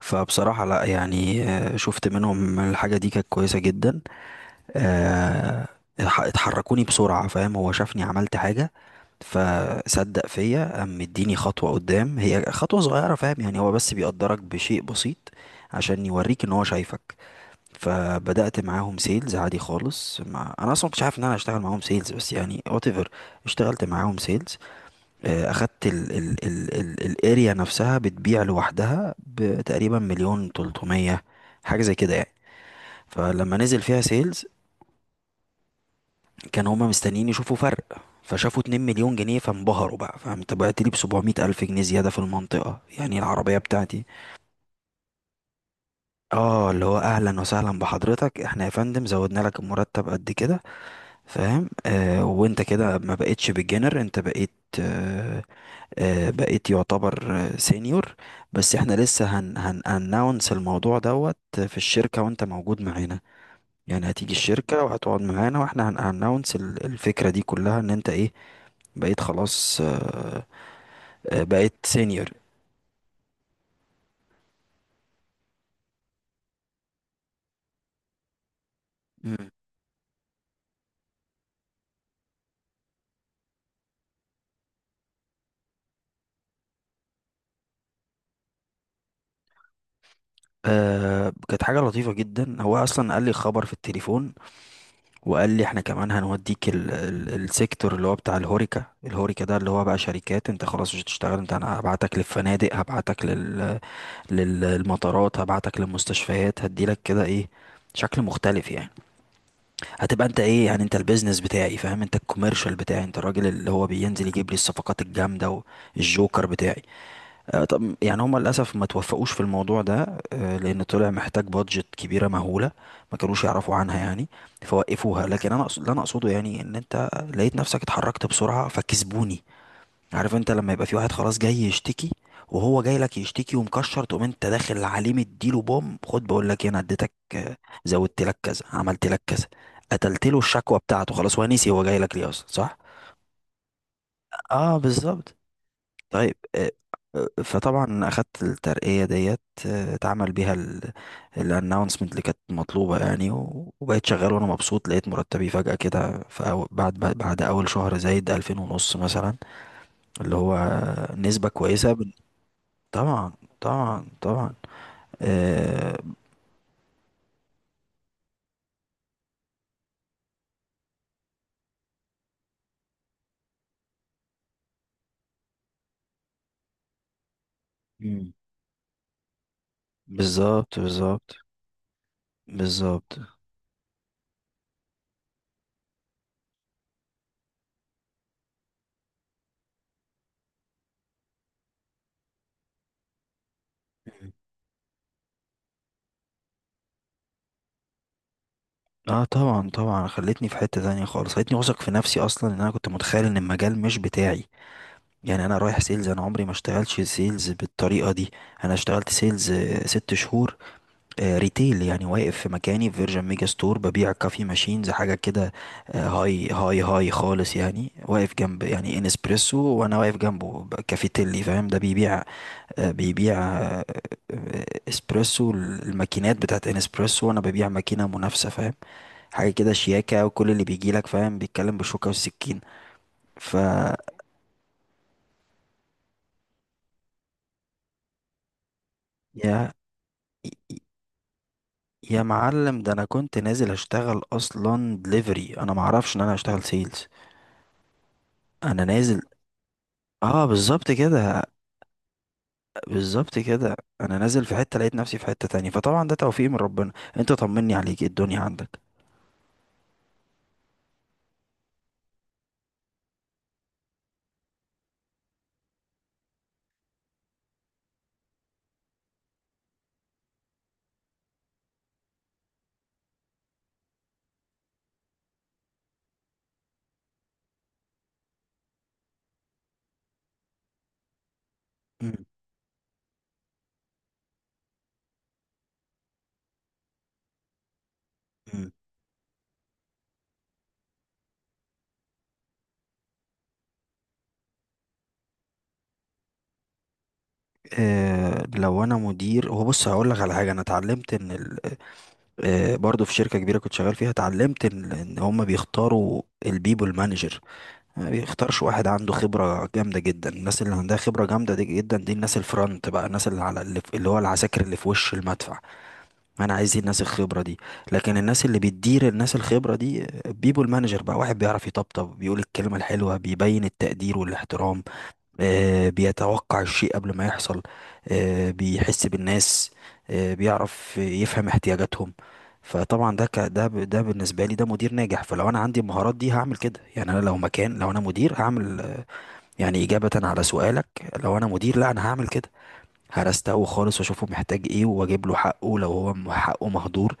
فبصراحة لا يعني شفت منهم الحاجة دي كانت كويسة جدا. آه، اتحركوني بسرعة، فاهم؟ هو شافني عملت حاجة فصدق فيا، قام مديني خطوة قدام. هي خطوة صغيرة، فاهم؟ يعني هو بس بيقدرك بشيء بسيط عشان يوريك ان هو شايفك. فبدأت معاهم سيلز عادي خالص، ما انا اصلا مكنتش عارف ان انا هشتغل معاهم سيلز، بس يعني whatever. اشتغلت معاهم سيلز. اخدت ال ال ال ال الاريا نفسها بتبيع لوحدها بتقريبا 1.3 مليون، حاجة زي كده يعني. فلما نزل فيها سيلز، كان هما مستنيين يشوفوا فرق، فشافوا 2 مليون جنيه فانبهروا بقى. فانت بعت لي ب 700 الف جنيه زيادة في المنطقة يعني، العربية بتاعتي. اه، اللي هو اهلا وسهلا بحضرتك، احنا يا فندم زودنا لك المرتب قد كده، فاهم؟ آه، وانت كده ما بقتش بالجنر، انت بقيت، آه، بقيت يعتبر سينيور. بس احنا لسه هن هن اناونس الموضوع دوت في الشركة وانت موجود معانا. يعني هتيجي الشركة وهتقعد معانا واحنا هن اناونس الفكرة دي كلها، ان انت ايه؟ بقيت خلاص، بقيت سينيور. مم. آه، كانت حاجة لطيفة جدا. هو أصلا قال لي خبر في التليفون، وقال لي احنا كمان هنوديك ال السيكتور اللي هو بتاع الهوريكا. الهوريكا ده اللي هو بقى شركات، انت خلاص مش هتشتغل، انت انا هبعتك للفنادق، هبعتك لل، للمطارات، هبعتك للمستشفيات، هديلك كده ايه، شكل مختلف يعني. هتبقى انت ايه يعني، انت البيزنس بتاعي، فاهم؟ انت الكوميرشال بتاعي، انت الراجل اللي هو بينزل يجيب لي الصفقات الجامده والجوكر بتاعي. آه، طب يعني هما للاسف ما توفقوش في الموضوع ده، آه، لان طلع محتاج بادجت كبيره مهوله ما كانوش يعرفوا عنها يعني، فوقفوها. لكن انا أقصد، اللي انا اقصده يعني ان انت لقيت نفسك اتحركت بسرعه فكسبوني. عارف انت لما يبقى في واحد خلاص جاي يشتكي، وهو جاي لك يشتكي ومكشر، تقوم انت داخل عليه مديله بوم، خد، بقول لك ايه، انا اديتك، زودت لك كذا، عملت لك كذا، قتلت له الشكوى بتاعته. خلاص، هو نسي هو جاي لك ليه اصلا، صح؟ اه بالظبط. طيب، فطبعا اخدت الترقية ديت، اتعمل بيها الاناونسمنت اللي كانت مطلوبة يعني. وبقيت شغال وانا مبسوط. لقيت مرتبي فجأة كده في بعد اول شهر زايد 2000 ونص مثلا، اللي هو نسبة كويسة. طبعا، طبعا طبعا، آه. مم. بالظبط بالظبط. بالظبط. مم. اه طبعا، طبعا، خلتني في حتة تانية خالص، خلتني واثق في نفسي. اصلا ان انا كنت متخيل ان المجال مش بتاعي، يعني انا رايح سيلز، انا عمري ما اشتغلتش سيلز بالطريقة دي. انا اشتغلت سيلز 6 شهور آه، ريتيل يعني، واقف في مكاني في فيرجن ميجا ستور ببيع كافي ماشينز، حاجة كده. آه، هاي هاي هاي خالص يعني، واقف جنب يعني انسبريسو، وانا واقف جنبه ب، كافيتيلي، فاهم؟ ده بيبيع آه، بيبيع آه، اسبريسو، الماكينات بتاعت انسبريسو، وانا ببيع ماكينة منافسة، فاهم؟ حاجة كده شياكة، وكل اللي بيجي لك، فاهم، بيتكلم بالشوكة والسكين. ف يا يا معلم، ده انا كنت نازل اشتغل اصلا دليفري، انا ما اعرفش ان انا هشتغل سيلز. انا نازل، اه بالظبط كده، بالظبط كده. انا نازل في حتة لقيت نفسي في حتة تانية، فطبعا ده توفيق من ربنا. انت طمني عليك، إيه الدنيا عندك؟ مم. آه، لو انا مدير، هو بص، هقول لك على حاجه انا اتعلمت. ان ال، برضه في شركه كبيره كنت شغال فيها، اتعلمت ان هم بيختاروا البيبول مانجر، ما بيختارش واحد عنده خبره جامده جدا. الناس اللي عندها خبره جامده دي جدا، دي الناس الفرونت بقى، الناس اللي على اللي، اللي هو العساكر اللي في وش المدفع. انا عايز دي، الناس الخبره دي. لكن الناس اللي بتدير الناس الخبره دي، بيبول مانجر بقى، واحد بيعرف يطبطب، بيقول الكلمه الحلوه، بيبين التقدير والاحترام، بيتوقع الشيء قبل ما يحصل، بيحس بالناس، بيعرف يفهم احتياجاتهم. فطبعا ده، ده بالنسبه لي ده مدير ناجح. فلو انا عندي المهارات دي هعمل كده يعني، انا لو مكان، لو انا مدير هعمل يعني اجابه على سؤالك، لو انا مدير لا انا هعمل كده. هرسته خالص، واشوفه محتاج ايه، واجيب له حقه لو هو حقه مهدور.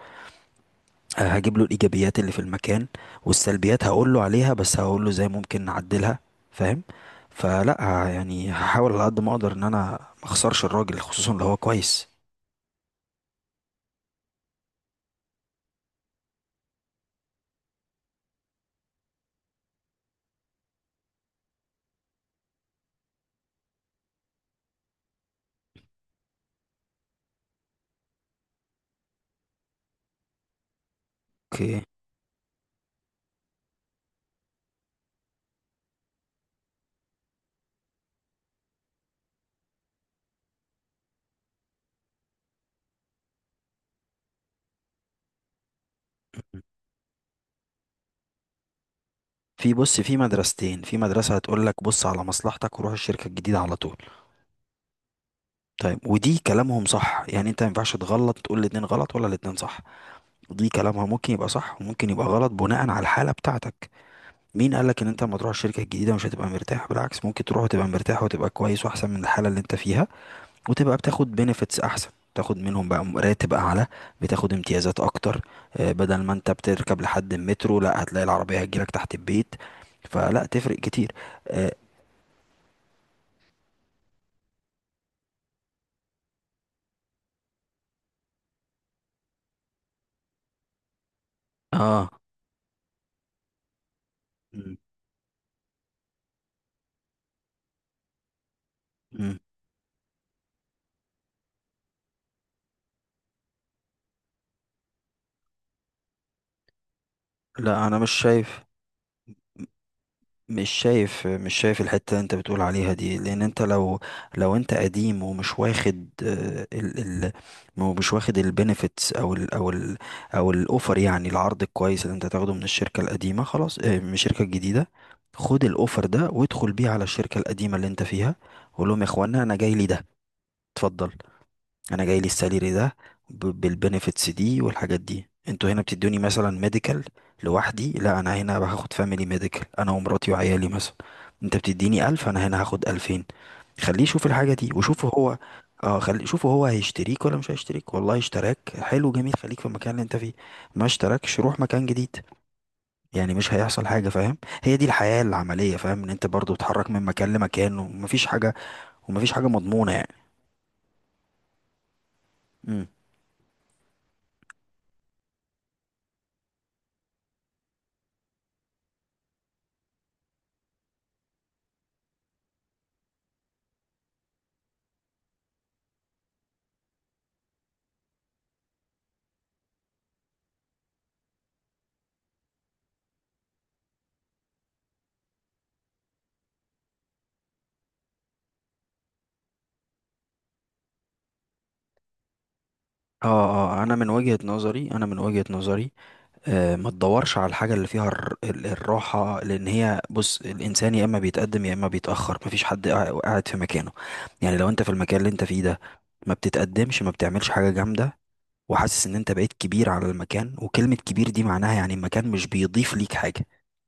هجيب له الايجابيات اللي في المكان، والسلبيات هقول له عليها بس هقول له ازاي ممكن نعدلها، فاهم؟ فلا يعني هحاول على قد ما اقدر ان انا ما اخسرش الراجل، خصوصا لو هو كويس. اوكي. في، بص، في مدرستين. في مدرسة هتقول لك بص على مصلحتك وروح الشركة الجديدة على طول. طيب، ودي كلامهم صح يعني، انت ما ينفعش تغلط تقول الاتنين غلط ولا الاتنين صح. دي كلامها ممكن يبقى صح وممكن يبقى غلط بناء على الحالة بتاعتك. مين قالك ان انت لما تروح الشركة الجديدة مش هتبقى مرتاح؟ بالعكس، ممكن تروح وتبقى مرتاح وتبقى كويس واحسن من الحالة اللي انت فيها. وتبقى بتاخد بنefits احسن، تاخد منهم بقى راتب اعلى، بتاخد امتيازات اكتر، بدل ما انت بتركب لحد المترو، لا، هتلاقي العربية هتجيلك تحت البيت. فلا تفرق كتير. اه. آه. م- م. لا انا مش شايف. مش شايف الحتة اللي انت بتقول عليها دي، لان انت لو، لو انت قديم ومش واخد آه، ال ال مش واخد البينيفيتس، او الاوفر يعني، العرض الكويس اللي انت تاخده من الشركة القديمة، خلاص من الشركة الجديدة، خد الاوفر ده وادخل بيه على الشركة القديمة اللي انت فيها، وقول لهم يا اخوانا انا جاي لي ده، اتفضل، انا جاي لي السالري ده بالبنفيتس دي والحاجات دي. انتوا هنا بتدوني مثلا ميديكال لوحدي، لا انا هنا هاخد فاميلي ميديكال، انا ومراتي وعيالي مثلا. انت بتديني 1000، انا هنا هاخد 2000. خليه يشوف الحاجة دي وشوف هو، اه، خلي شوف هو هيشتريك ولا مش هيشتريك. والله اشتراك، حلو جميل، خليك في المكان اللي انت فيه. ما اشتراكش، روح مكان جديد. يعني مش هيحصل حاجة، فاهم؟ هي دي الحياة العملية، فاهم؟ ان انت برضو تتحرك من مكان لمكان ومفيش حاجة، ومفيش حاجة مضمونة يعني. اه اه، انا من وجهة نظري، انا من وجهة نظري، آه، ما تدورش على الحاجة اللي فيها الراحة، لان هي بص، الانسان يا اما بيتقدم يا اما بيتأخر، مفيش حد قاعد في مكانه. يعني لو انت في المكان اللي انت فيه ده ما بتتقدمش، ما بتعملش حاجة جامدة، وحاسس ان انت بقيت كبير على المكان، وكلمة كبير دي معناها يعني المكان مش بيضيف ليك حاجة،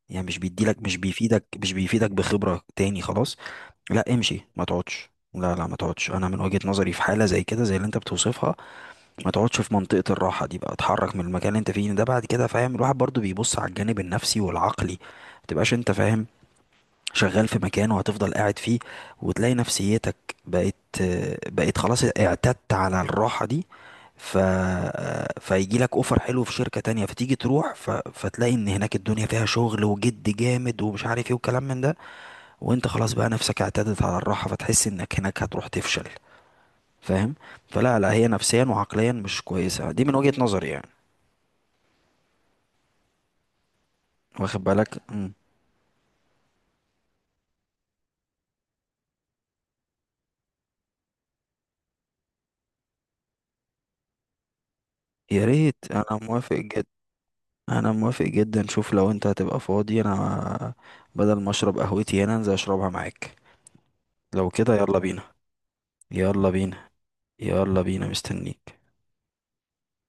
يعني مش بيديلك، مش بيفيدك، مش بيفيدك بخبرة تاني خلاص. لا امشي، ما تقعدش، لا لا، ما تقعدش. انا من وجهة نظري في حالة زي كده، زي اللي انت بتوصفها، ما تقعدش في منطقة الراحة دي بقى، اتحرك من المكان اللي انت فيه ده. بعد كده، فاهم، الواحد برضو بيبص على الجانب النفسي والعقلي، ما تبقاش انت، فاهم، شغال في مكان وهتفضل قاعد فيه، وتلاقي نفسيتك بقت بقت خلاص اعتدت على الراحة دي. ف... فيجي لك اوفر حلو في شركة تانية، فتيجي تروح فتلاقي ان هناك الدنيا فيها شغل وجد جامد، ومش عارف ايه وكلام من ده، وانت خلاص بقى نفسك اعتدت على الراحة، فتحس انك هناك هتروح تفشل، فاهم؟ فلا لا، هي نفسيا وعقليا مش كويسة دي، من وجهة نظري يعني. واخد بالك؟ مم. يا ريت، انا موافق جدا. انا موافق جدا. شوف لو انت هتبقى فاضي، انا بدل ما اشرب قهوتي هنا انزل اشربها معاك. لو كده، يلا بينا، يلا بينا، يلا بينا، مستنيك.